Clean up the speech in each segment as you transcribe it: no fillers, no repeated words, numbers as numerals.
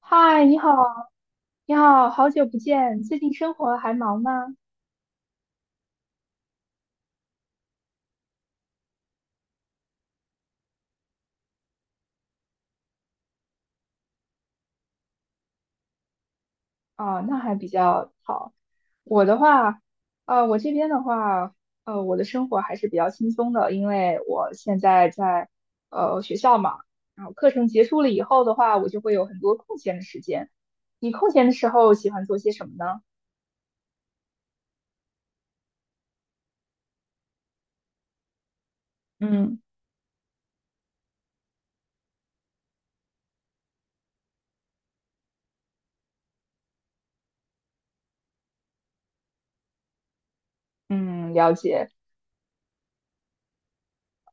嗨，你好，你好，好久不见，最近生活还忙吗？啊，那还比较好。我的话，我这边的话，我的生活还是比较轻松的，因为我现在在学校嘛，然后课程结束了以后的话，我就会有很多空闲的时间。你空闲的时候喜欢做些什么呢？嗯嗯，了解。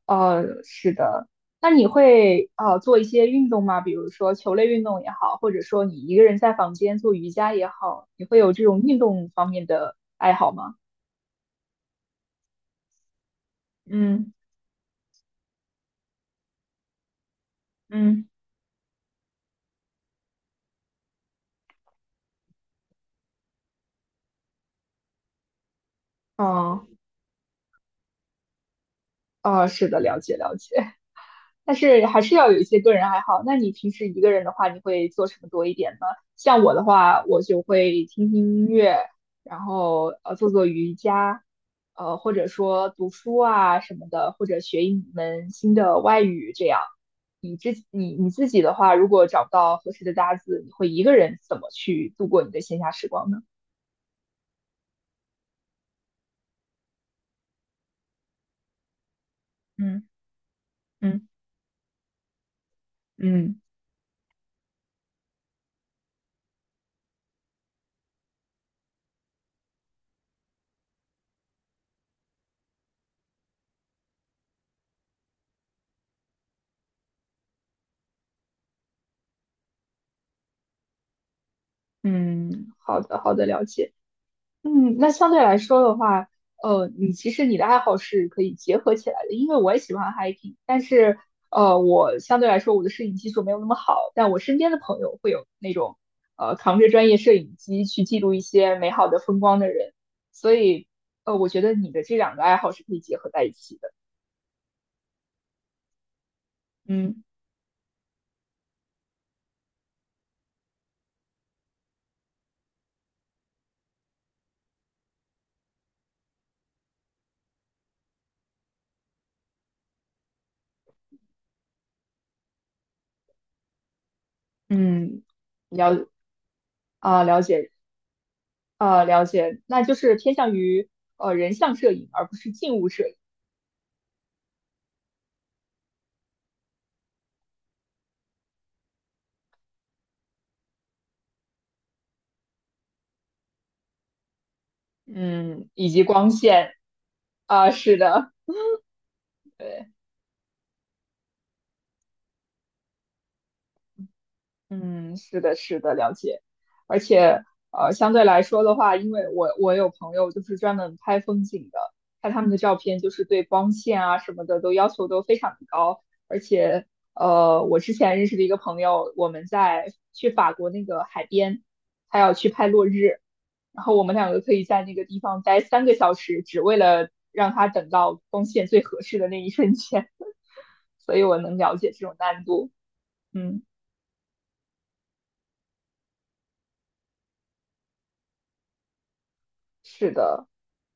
是的。那你会做一些运动吗？比如说球类运动也好，或者说你一个人在房间做瑜伽也好，你会有这种运动方面的爱好吗？嗯嗯，哦哦，是的，了解了解。但是还是要有一些个人爱好。那你平时一个人的话，你会做什么多一点呢？像我的话，我就会听听音乐，然后做做瑜伽，或者说读书啊什么的，或者学一门新的外语这样。你自己的话，如果找不到合适的搭子，你会一个人怎么去度过你的闲暇时光呢？嗯嗯嗯嗯，好的，好的，了解。嗯，那相对来说的话，其实你的爱好是可以结合起来的，因为我也喜欢 hiking，但是我相对来说我的摄影技术没有那么好，但我身边的朋友会有那种扛着专业摄影机去记录一些美好的风光的人，所以我觉得你的这两个爱好是可以结合在一起的。嗯嗯，了啊、了解啊、了解，那就是偏向于人像摄影，而不是静物摄影。嗯，以及光线啊，是的。对，嗯，是的，是的，了解。而且，相对来说的话，因为我有朋友就是专门拍风景的，看他们的照片，就是对光线啊什么的都要求都非常的高。而且，我之前认识的一个朋友，我们在去法国那个海边，他要去拍落日，然后我们两个可以在那个地方待3个小时，只为了让他等到光线最合适的那一瞬间。所以我能了解这种难度，嗯。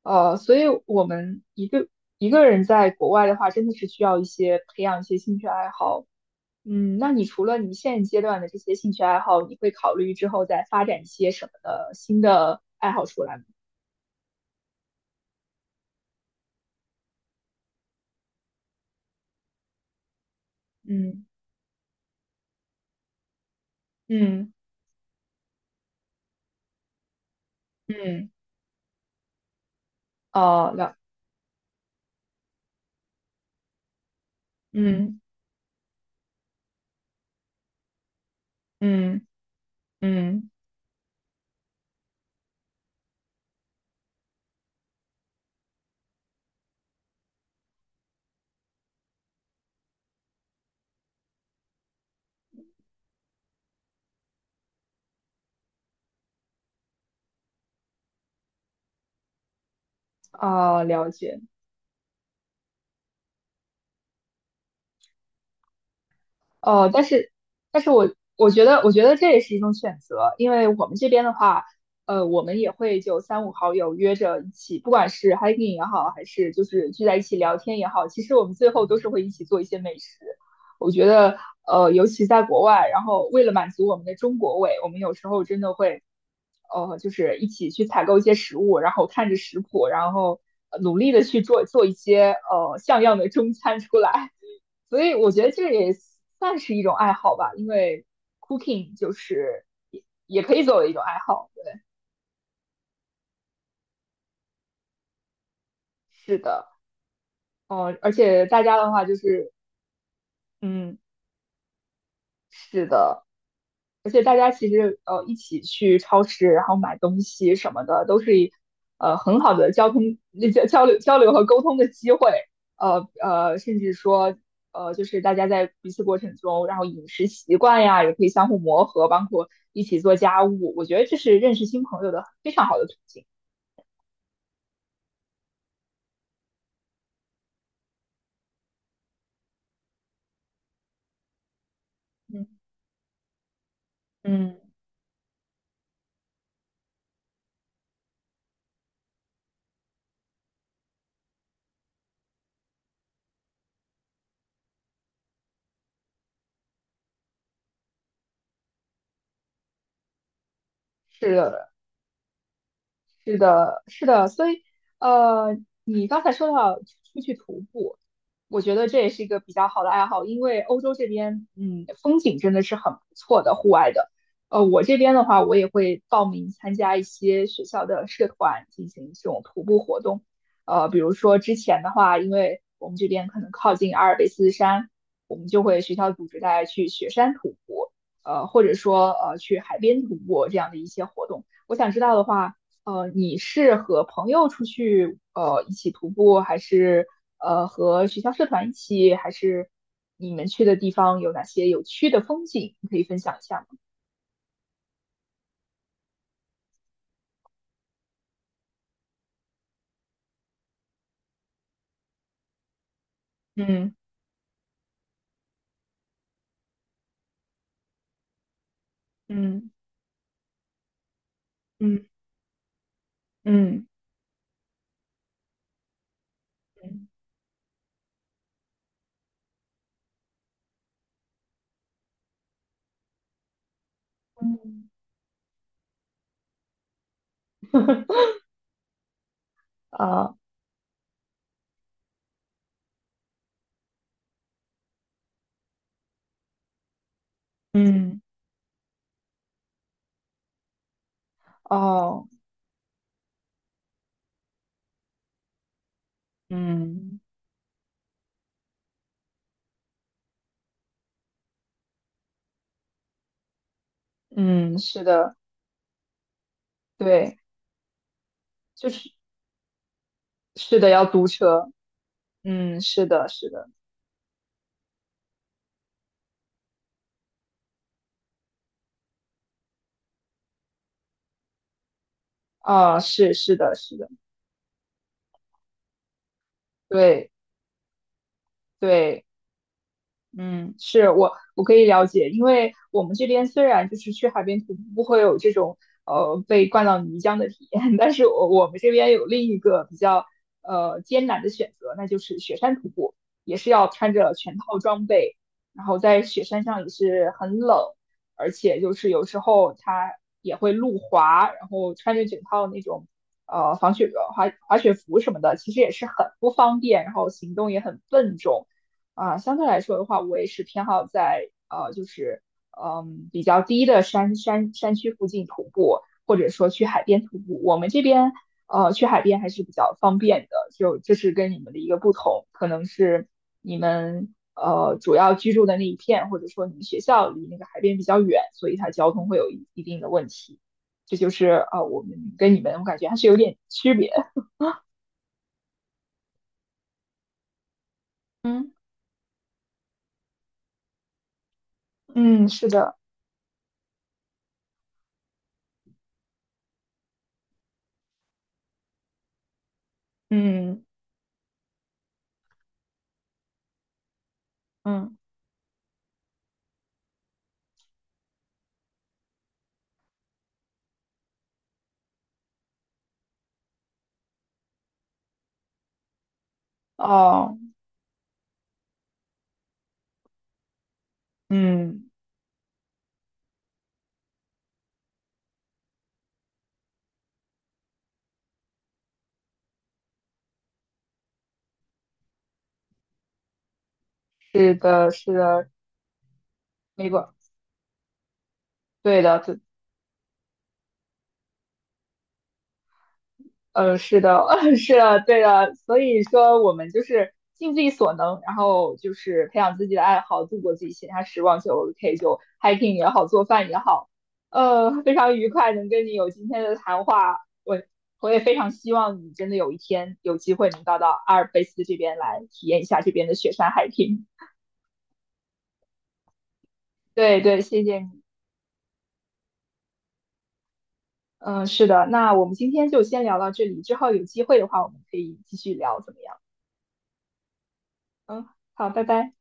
所以我们一个人在国外的话，真的是需要培养一些兴趣爱好。嗯，那你除了你现阶段的这些兴趣爱好，你会考虑之后再发展一些什么的新的爱好出来吗？嗯嗯嗯，哦，嗯嗯嗯，哦，了解。哦，但是，我觉得这也是一种选择，因为我们这边的话，我们也会就三五好友约着一起，不管是 hiking 也好，还是就是聚在一起聊天也好，其实我们最后都是会一起做一些美食。我觉得，尤其在国外，然后为了满足我们的中国胃，我们有时候真的会，就是一起去采购一些食物，然后看着食谱，然后努力的去做做一些像样的中餐出来。所以我觉得这也算是一种爱好吧，因为 cooking 就是也可以作为一种爱好。对，是的，嗯，而且大家的话就是，嗯，是的，而且大家其实一起去超市，然后买东西什么的，都是很好的交通交交流交流和沟通的机会。甚至说就是大家在彼此过程中，然后饮食习惯呀也可以相互磨合，包括一起做家务。我觉得这是认识新朋友的非常好的途径。嗯嗯，是的，是的，是的，所以呃，你刚才说到出去徒步，我觉得这也是一个比较好的爱好，因为欧洲这边，嗯，风景真的是很不错的，户外的。我这边的话，我也会报名参加一些学校的社团进行这种徒步活动。比如说之前的话，因为我们这边可能靠近阿尔卑斯山，我们就会学校组织大家去雪山徒步，或者说去海边徒步这样的一些活动。我想知道的话。你是和朋友出去一起徒步，还是和学校社团一起，还是你们去的地方有哪些有趣的风景？你可以分享一下吗？嗯嗯嗯嗯嗯 嗯，啊嗯哦，嗯嗯，是的，对，就是是的，要租车。嗯，是的，是的，啊，是的，是的，对对。嗯，是我可以了解，因为我们这边虽然就是去海边徒步会有这种被灌到泥浆的体验，但是我们这边有另一个比较艰难的选择，那就是雪山徒步，也是要穿着全套装备，然后在雪山上也是很冷，而且就是有时候它也会路滑，然后穿着整套那种防雪滑雪服什么的，其实也是很不方便，然后行动也很笨重。啊、相对来说的话，我也是偏好在就是比较低的山区附近徒步，或者说去海边徒步。我们这边去海边还是比较方便的，就这是跟你们的一个不同，可能是你们主要居住的那一片，或者说你们学校离那个海边比较远，所以它交通会有一定的问题。这就是我们跟你们我感觉还是有点区别。嗯嗯，是的，嗯嗯，哦嗯。是的，是的，没错，对的，对，是的，是的，对的。所以说，我们就是尽自己所能，然后就是培养自己的爱好，度过自己闲暇时光就 OK，就 hiking 也好，做饭也好，非常愉快能跟你有今天的谈话。我我也非常希望你真的有一天有机会能到阿尔卑斯这边来体验一下这边的雪山 hiking。对对，谢谢你。嗯，是的，那我们今天就先聊到这里，之后有机会的话，我们可以继续聊，怎么样？嗯，好，拜拜。